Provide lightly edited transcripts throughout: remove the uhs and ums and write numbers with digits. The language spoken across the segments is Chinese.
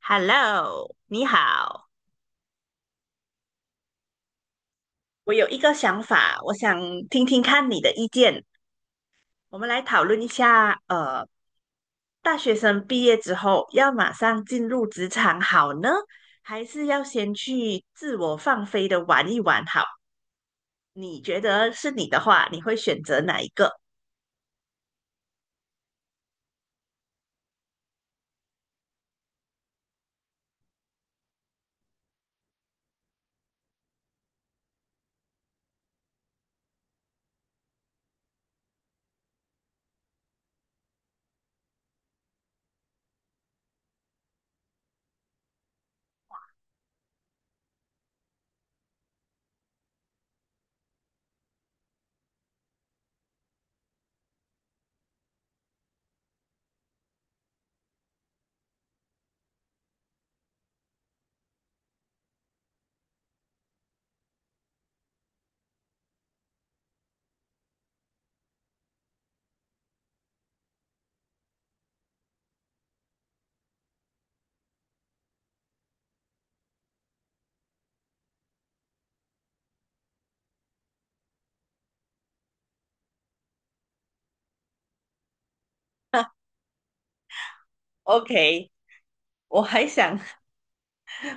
Hello，你好，我有一个想法，我想听听看你的意见。我们来讨论一下，大学生毕业之后要马上进入职场好呢，还是要先去自我放飞的玩一玩好？你觉得是你的话，你会选择哪一个？OK，我还想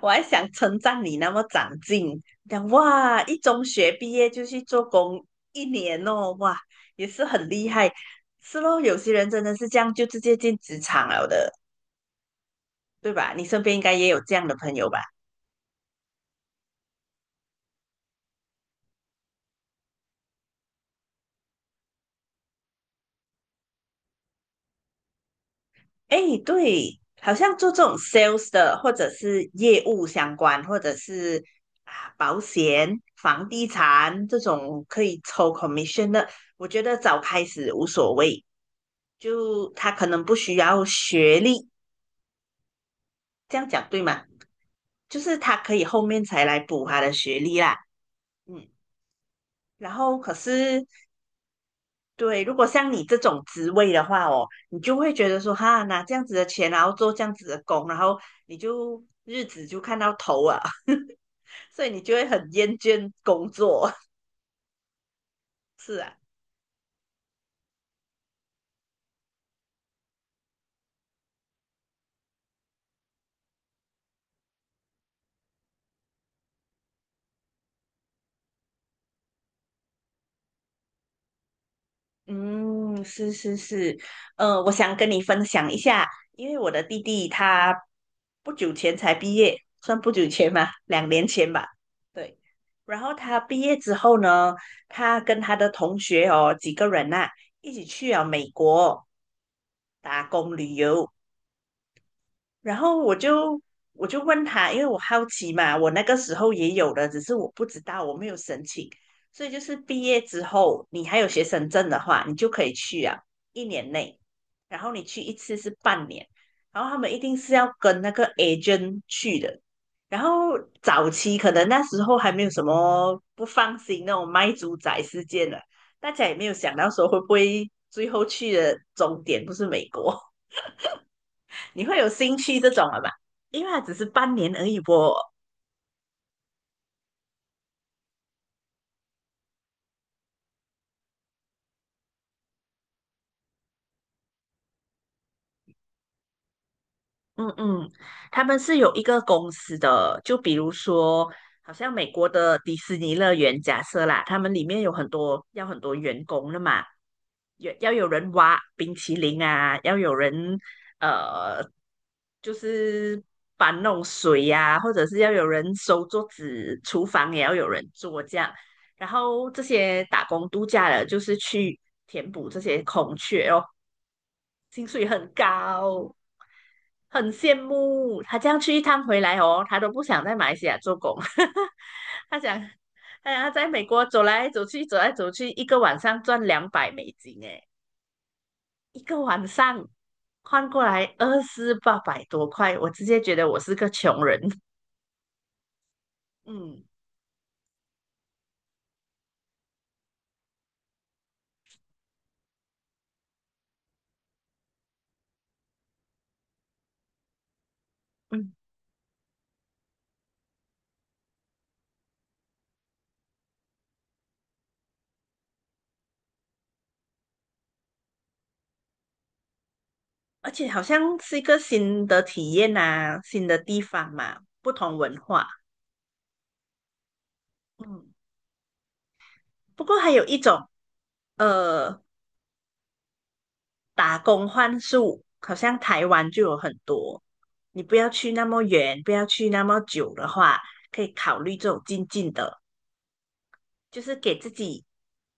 我还想称赞你那么长进，讲哇，一中学毕业就去做工一年哦，哇，也是很厉害。是咯，有些人真的是这样，就直接进职场了的，对吧？你身边应该也有这样的朋友吧？哎，对，好像做这种 sales 的，或者是业务相关，或者是啊保险、房地产这种可以抽 commission 的，我觉得早开始无所谓，就他可能不需要学历。这样讲对吗？就是他可以后面才来补他的学历啦，嗯，然后可是对，如果像你这种职位的话哦，你就会觉得说哈，拿这样子的钱，然后做这样子的工，然后你就日子就看到头啊，所以你就会很厌倦工作，是啊。嗯，是是是，呃，我想跟你分享一下，因为我的弟弟他不久前才毕业，算不久前吧，2年前吧，对。然后他毕业之后呢，他跟他的同学哦几个人呐、一起去了美国打工旅游，然后我就问他，因为我好奇嘛，我那个时候也有的，只是我不知道，我没有申请。所以就是毕业之后，你还有学生证的话，你就可以去啊，1年内。然后你去一次是半年，然后他们一定是要跟那个 agent 去的。然后早期可能那时候还没有什么不放心那种卖猪仔事件了，大家也没有想到说会不会最后去的终点不是美国。你会有兴趣这种了吧？因为它只是半年而已啵。嗯嗯，他们是有一个公司的，就比如说，好像美国的迪士尼乐园，假设啦，他们里面有很多要很多员工的嘛，有要有人挖冰淇淋啊，要有人呃，就是搬弄水呀、或者是要有人收桌子，厨房也要有人做这样。然后这些打工度假的，就是去填补这些空缺，哦。薪水很高，很羡慕。他这样去一趟回来哦，他都不想在马来西亚做工，他想，哎呀，他在美国走来走去，走来走去，一个晚上赚200美金，哎，一个晚上换过来二四八百多块，我直接觉得我是个穷人，嗯嗯，而且好像是一个新的体验呐、新的地方嘛，不同文化，嗯，不过还有一种。呃，打工换宿，好像台湾就有很多。你不要去那么远，不要去那么久的话，可以考虑这种近近的，就是给自己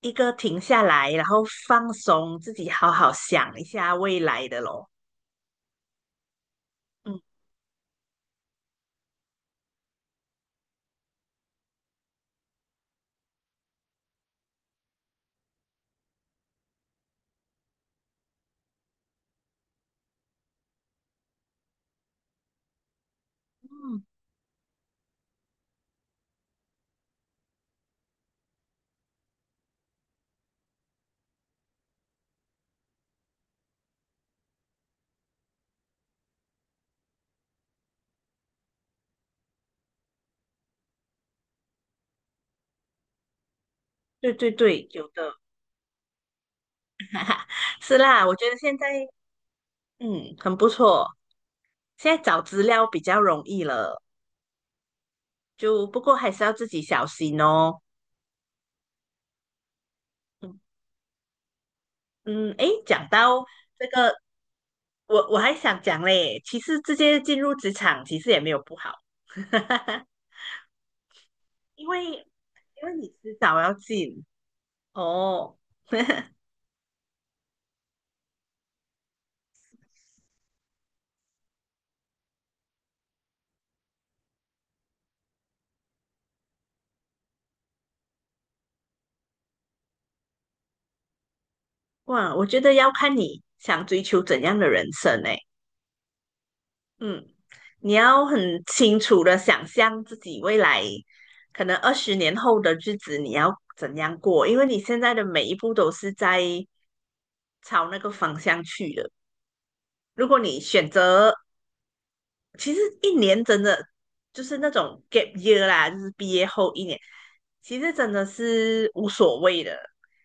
一个停下来，然后放松自己，好好想一下未来的咯。嗯嗯，对对对，有的是啦，我觉得现在嗯很不错，现在找资料比较容易了，就不过还是要自己小心哦。嗯嗯，诶，讲到这个我还想讲嘞，其实直接进入职场其实也没有不好，因为你迟早要进哦。哇，我觉得要看你想追求怎样的人生诶。嗯，你要很清楚的想象自己未来可能20年后的日子你要怎样过，因为你现在的每一步都是在朝那个方向去的。如果你选择其实一年真的就是那种 gap year 啦，就是毕业后一年，其实真的是无所谓的，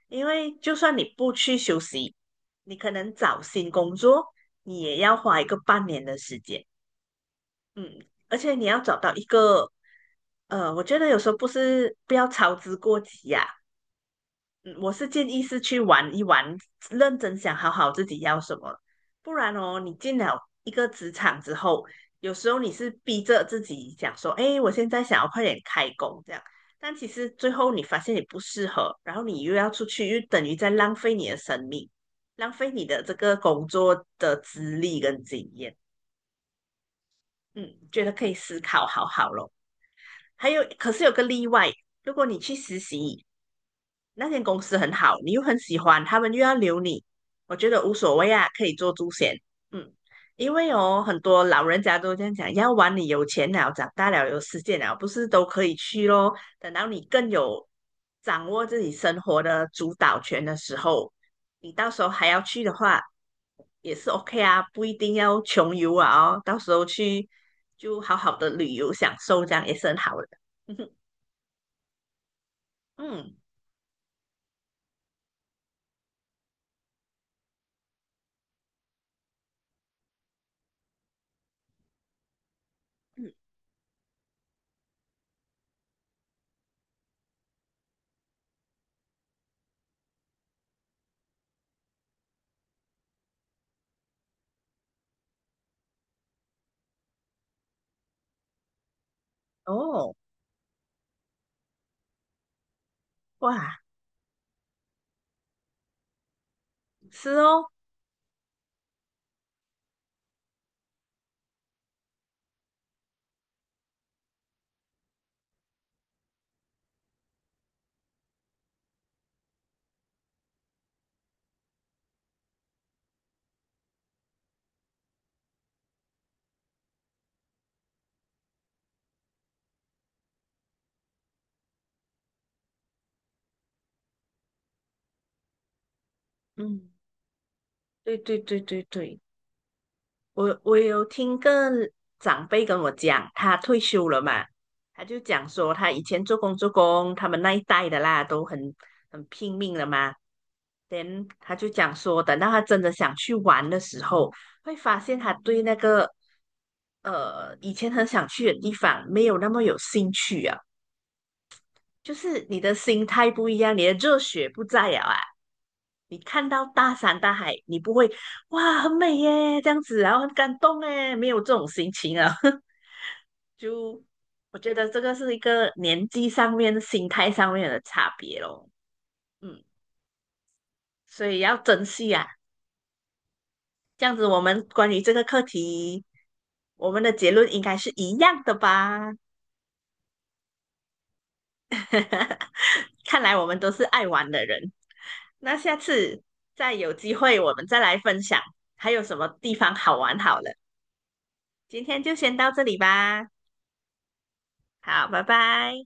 因为就算你不去休息，你可能找新工作，你也要花一个半年的时间，嗯，而且你要找到一个，呃，我觉得有时候不是不要操之过急呀、嗯我是建议是去玩一玩，认真想好好自己要什么，不然哦，你进了一个职场之后，有时候你是逼着自己想说，哎，我现在想要快点开工这样，但其实最后你发现你不适合，然后你又要出去，又等于在浪费你的生命，浪费你的这个工作的资历跟经验。嗯，觉得可以思考好好咯。还有，可是有个例外，如果你去实习，那间公司很好，你又很喜欢，他们又要留你，我觉得无所谓啊，可以做猪险。嗯，因为哦，很多老人家都这样讲，要玩你有钱了，长大了有时间了，不是都可以去咯？等到你更有掌握自己生活的主导权的时候，你到时候还要去的话，也是 OK 啊，不一定要穷游啊哦，到时候去就好好的旅游享受，这样也是很好的。嗯嗯，哦，哇，是哦。嗯，对对对对对，我我有听个长辈跟我讲，他退休了嘛，他就讲说他以前做工做工，他们那一代的啦都很拼命了嘛等他就讲说，等到他真的想去玩的时候，会发现他对那个以前很想去的地方没有那么有兴趣啊。就是你的心态不一样，你的热血不在了啊。你看到大山大海，你不会哇很美耶这样子，然后很感动耶，没有这种心情啊。就我觉得这个是一个年纪上面、心态上面的差别咯。嗯，所以要珍惜啊。这样子，我们关于这个课题，我们的结论应该是一样的吧？哈哈，看来我们都是爱玩的人。那下次再有机会，我们再来分享还有什么地方好玩好了。今天就先到这里吧，好，拜拜。